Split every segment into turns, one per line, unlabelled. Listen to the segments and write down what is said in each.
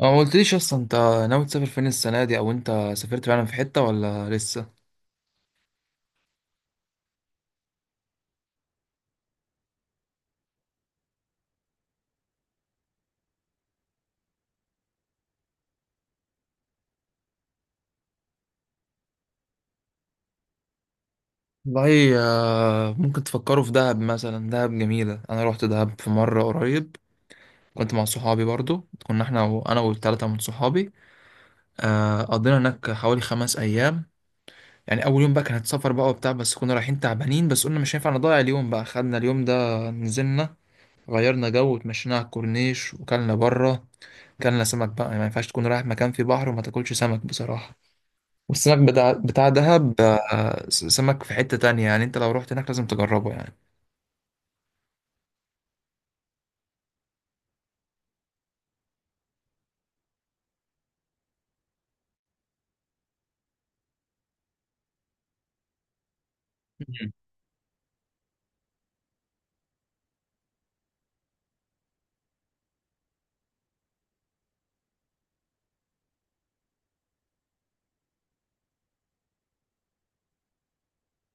ما قلتليش اصلا انت ناوي تسافر فين السنه دي، او انت سافرت فعلا في حته ولا لسه؟ والله، ممكن تفكروا في دهب مثلا. دهب جميله. انا روحت دهب في مره قريب. كنت مع صحابي برضو. كنا احنا وانا والثلاثه من صحابي. قضينا هناك حوالي خمس ايام. يعني اول يوم بقى كانت سفر بقى وبتاع، بس كنا رايحين تعبانين، بس قلنا مش هينفع نضيع اليوم بقى، خدنا اليوم ده نزلنا غيرنا جو وتمشينا على الكورنيش وكلنا بره. كلنا سمك بقى. يعني ما ينفعش تكون رايح مكان فيه بحر وما تاكلش سمك بصراحه. والسمك بتاع دهب سمك في حتة تانية. يعني انت لو رحت هناك لازم تجربه يعني.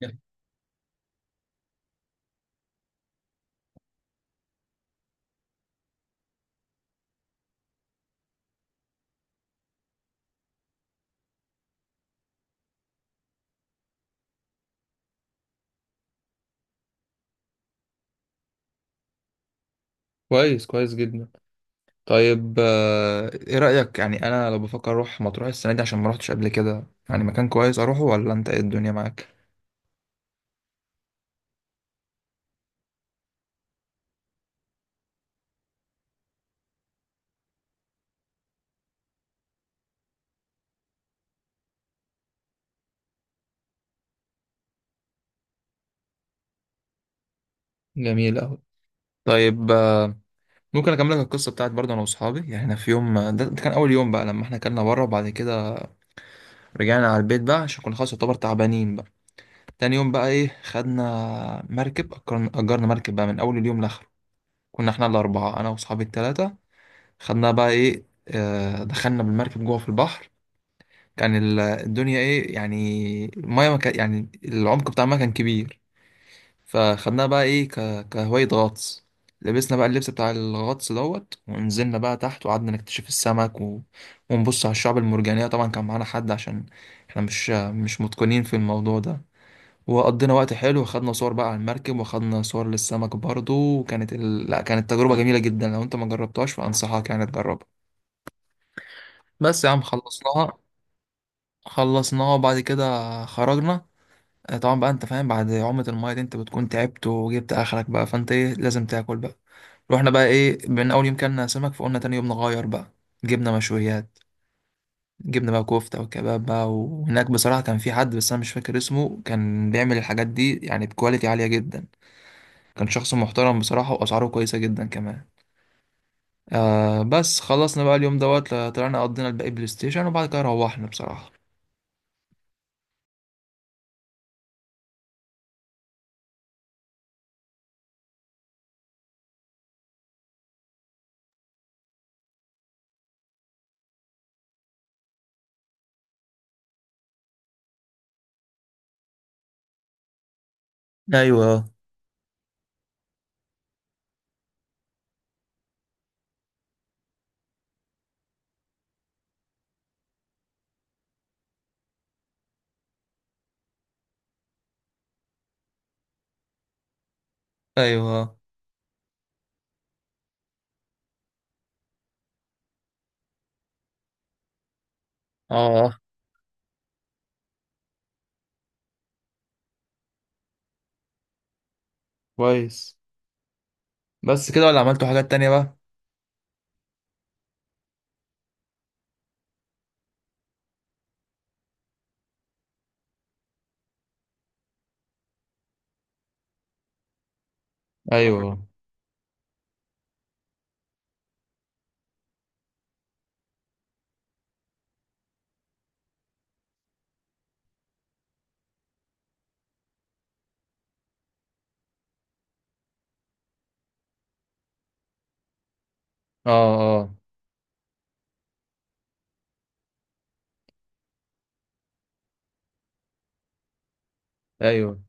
مم. كويس كويس جدا. طيب، ايه رأيك؟ يعني انا لو بفكر اروح مطروح السنة دي عشان ما روحتش قبل كده، يعني مكان كويس اروحه ولا انت ايه الدنيا معاك؟ جميل أوي. طيب، ممكن اكمل لك القصة بتاعت برضه انا واصحابي؟ يعني احنا في يوم، ده كان اول يوم بقى لما احنا كلنا بره، وبعد كده رجعنا على البيت بقى عشان كنا خلاص يعتبر تعبانين بقى. تاني يوم بقى ايه، خدنا مركب. أجرنا مركب بقى من اول اليوم لاخره. كنا احنا الأربعة، أنا وأصحابي التلاتة. خدنا بقى إيه، دخلنا بالمركب جوه في البحر. كان الدنيا إيه يعني، المية ما كان، يعني العمق بتاع المية كان كبير. فخدناها بقى إيه، كهواية غطس. لبسنا بقى اللبس بتاع الغطس دوت، ونزلنا بقى تحت وقعدنا نكتشف السمك، ونبص على الشعب المرجانية. طبعا كان معانا حد عشان احنا مش متقنين في الموضوع ده. وقضينا وقت حلو وخدنا صور بقى على المركب، وخدنا صور للسمك برضو. وكانت لا، كانت تجربة جميلة جدا. لو انت ما جربتهاش فأنصحك يعني تجربها. بس يا عم خلصناها. خلصناها وبعد كده خرجنا. طبعا بقى انت فاهم، بعد عومة المايه دي انت بتكون تعبت وجبت اخرك بقى، فانت ايه، لازم تاكل بقى. رحنا بقى ايه، من اول يوم كلنا سمك، فقلنا تاني يوم نغير بقى. جبنا مشويات. جبنا بقى كفتة وكباب بقى. وهناك بصراحة كان في حد، بس أنا مش فاكر اسمه، كان بيعمل الحاجات دي يعني بكواليتي عالية جدا. كان شخص محترم بصراحة وأسعاره كويسة جدا كمان. بس خلصنا بقى اليوم دوت. طلعنا قضينا الباقي بلاي ستيشن، وبعد كده روحنا بصراحة. ايوه. أيوه. اه. كويس. بس كده ولا عملتوا حاجات تانية بقى؟ ايوه. اه. اه. ايوه.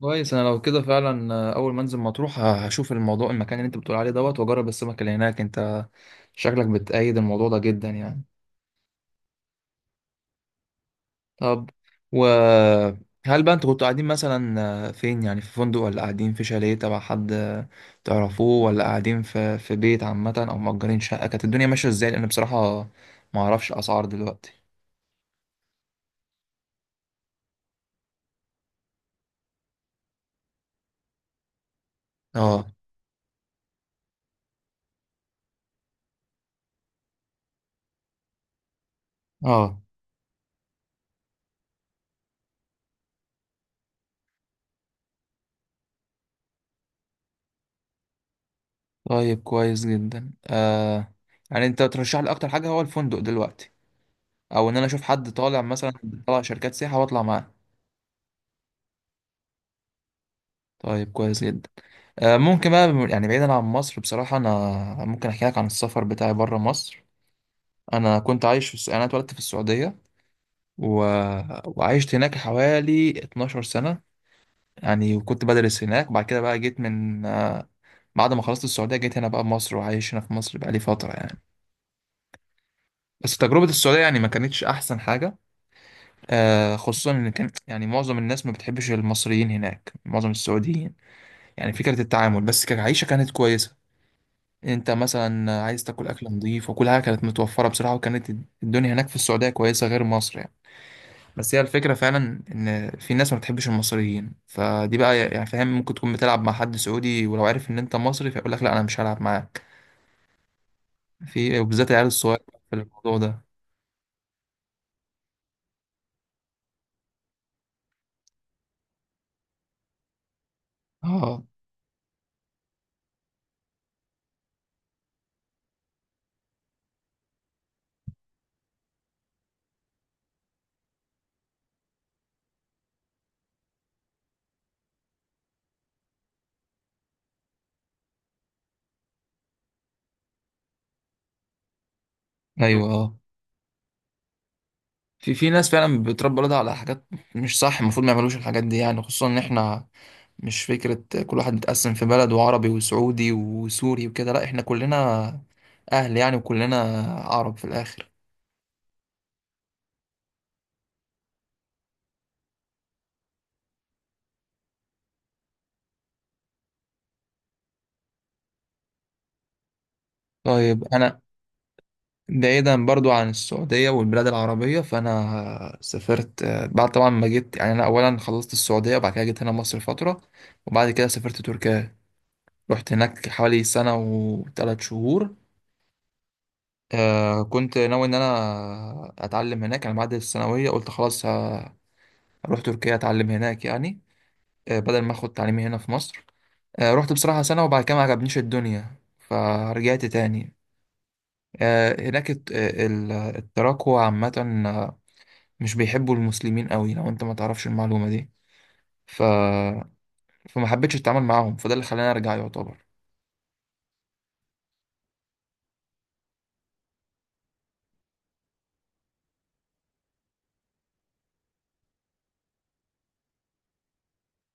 كويس. أنا لو كده فعلا، أول ما أنزل مطروح هشوف الموضوع. المكان اللي أنت بتقول عليه دوت، وأجرب السمك اللي هناك. أنت شكلك بتأيد الموضوع ده جدا يعني. طب، وهل بقى انتوا كنتوا قاعدين مثلا فين؟ يعني في فندق، ولا قاعدين في شاليه تبع حد تعرفوه، ولا قاعدين في بيت عامة، او مأجرين شقة؟ كانت الدنيا ماشية ازاي؟ لان بصراحة ما اعرفش الاسعار دلوقتي. اه. اه. طيب كويس جدا. آه، يعني انت ترشح لي اكتر حاجة هو الفندق دلوقتي، او ان انا اشوف حد طالع مثلا طالع شركات سياحة واطلع معاه؟ طيب كويس جدا. ممكن بقى يعني بعيدا عن مصر، بصراحة انا ممكن احكي لك عن السفر بتاعي بره مصر. انا كنت عايش في انا اتولدت في السعوديه، و... وعشت هناك حوالي 12 سنه يعني. وكنت بدرس هناك. بعد كده بقى جيت من، بعد ما خلصت السعوديه جيت هنا بقى مصر. وعايش هنا في مصر بقى لي فتره يعني. بس تجربه السعوديه يعني ما كانتش احسن حاجه. آه، خصوصا ان كان يعني معظم الناس ما بتحبش المصريين هناك، معظم السعوديين يعني. فكره التعامل، بس كعيشه كانت كويسه. انت مثلا عايز تاكل اكل نظيف، وكل حاجه كانت متوفره بصراحه. وكانت الدنيا هناك في السعوديه كويسه غير مصر يعني. بس هي الفكرة فعلا إن في ناس ما بتحبش المصريين. فدي بقى يعني فاهم، ممكن تكون بتلعب مع حد سعودي ولو عارف إن أنت مصري فيقول لك لا أنا مش هلعب معاك. في، وبالذات العيال الصغير، في الموضوع ده. اه. أيوه. اه. في ناس فعلا بتربي ولادها على حاجات مش صح. المفروض ما يعملوش الحاجات دي يعني. خصوصا إن إحنا مش فكرة كل واحد متقسم في بلد، وعربي وسعودي وسوري وكده. لا، إحنا كلنا أهل يعني، وكلنا عرب في الآخر. طيب أنا، بعيدا برضو عن السعودية والبلاد العربية، فأنا سافرت بعد طبعا ما جيت يعني. أنا أولا خلصت السعودية وبعد كده جيت هنا مصر فترة، وبعد كده سافرت تركيا. رحت هناك حوالي سنة وثلاث شهور. آه، كنت ناوي إن أنا أتعلم هناك يعني. بعد الثانوية قلت خلاص، هروح تركيا أتعلم هناك يعني، آه، بدل ما أخد تعليمي هنا في مصر. آه، رحت بصراحة سنة، وبعد كده ما عجبنيش الدنيا فرجعت تاني. آه، هناك التراكوة عامة مش بيحبوا المسلمين قوي، لو انت ما تعرفش المعلومة دي. ف... فما حبيتش اتعامل معاهم، فده اللي خلاني ارجع يعتبر.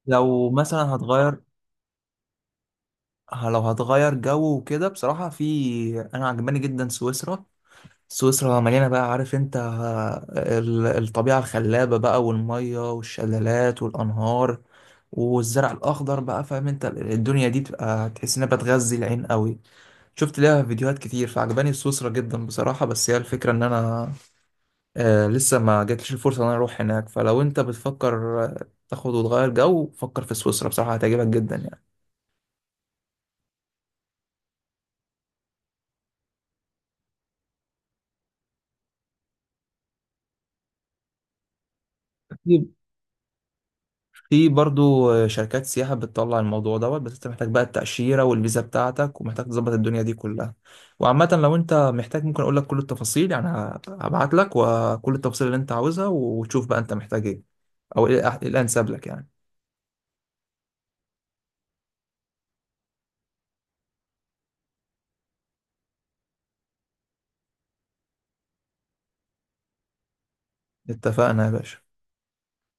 لو مثلا هتغير، لو هتغير جو وكده، بصراحة في، أنا عجباني جدا سويسرا. سويسرا مليانة بقى، عارف أنت، الطبيعة الخلابة بقى، والمية والشلالات والأنهار، والزرع الأخضر بقى. فاهم أنت الدنيا دي بتبقى تحس إنها بتغذي العين قوي. شفت ليها فيديوهات كتير فعجباني سويسرا جدا بصراحة. بس هي الفكرة إن أنا آه، لسه ما جاتليش الفرصة ان انا اروح هناك. فلو انت بتفكر تاخد وتغير جو، فكر في سويسرا بصراحة، هتعجبك جدا يعني. أكيد. في برضو شركات سياحة بتطلع الموضوع دوت. بس انت محتاج بقى التأشيرة والفيزا بتاعتك، ومحتاج تظبط الدنيا دي كلها. وعامة لو انت محتاج ممكن اقول لك كل التفاصيل يعني. هبعت لك وكل التفاصيل اللي انت عاوزها، وتشوف بقى انت محتاج ايه، او ايه الانسب لك يعني. اتفقنا يا باشا.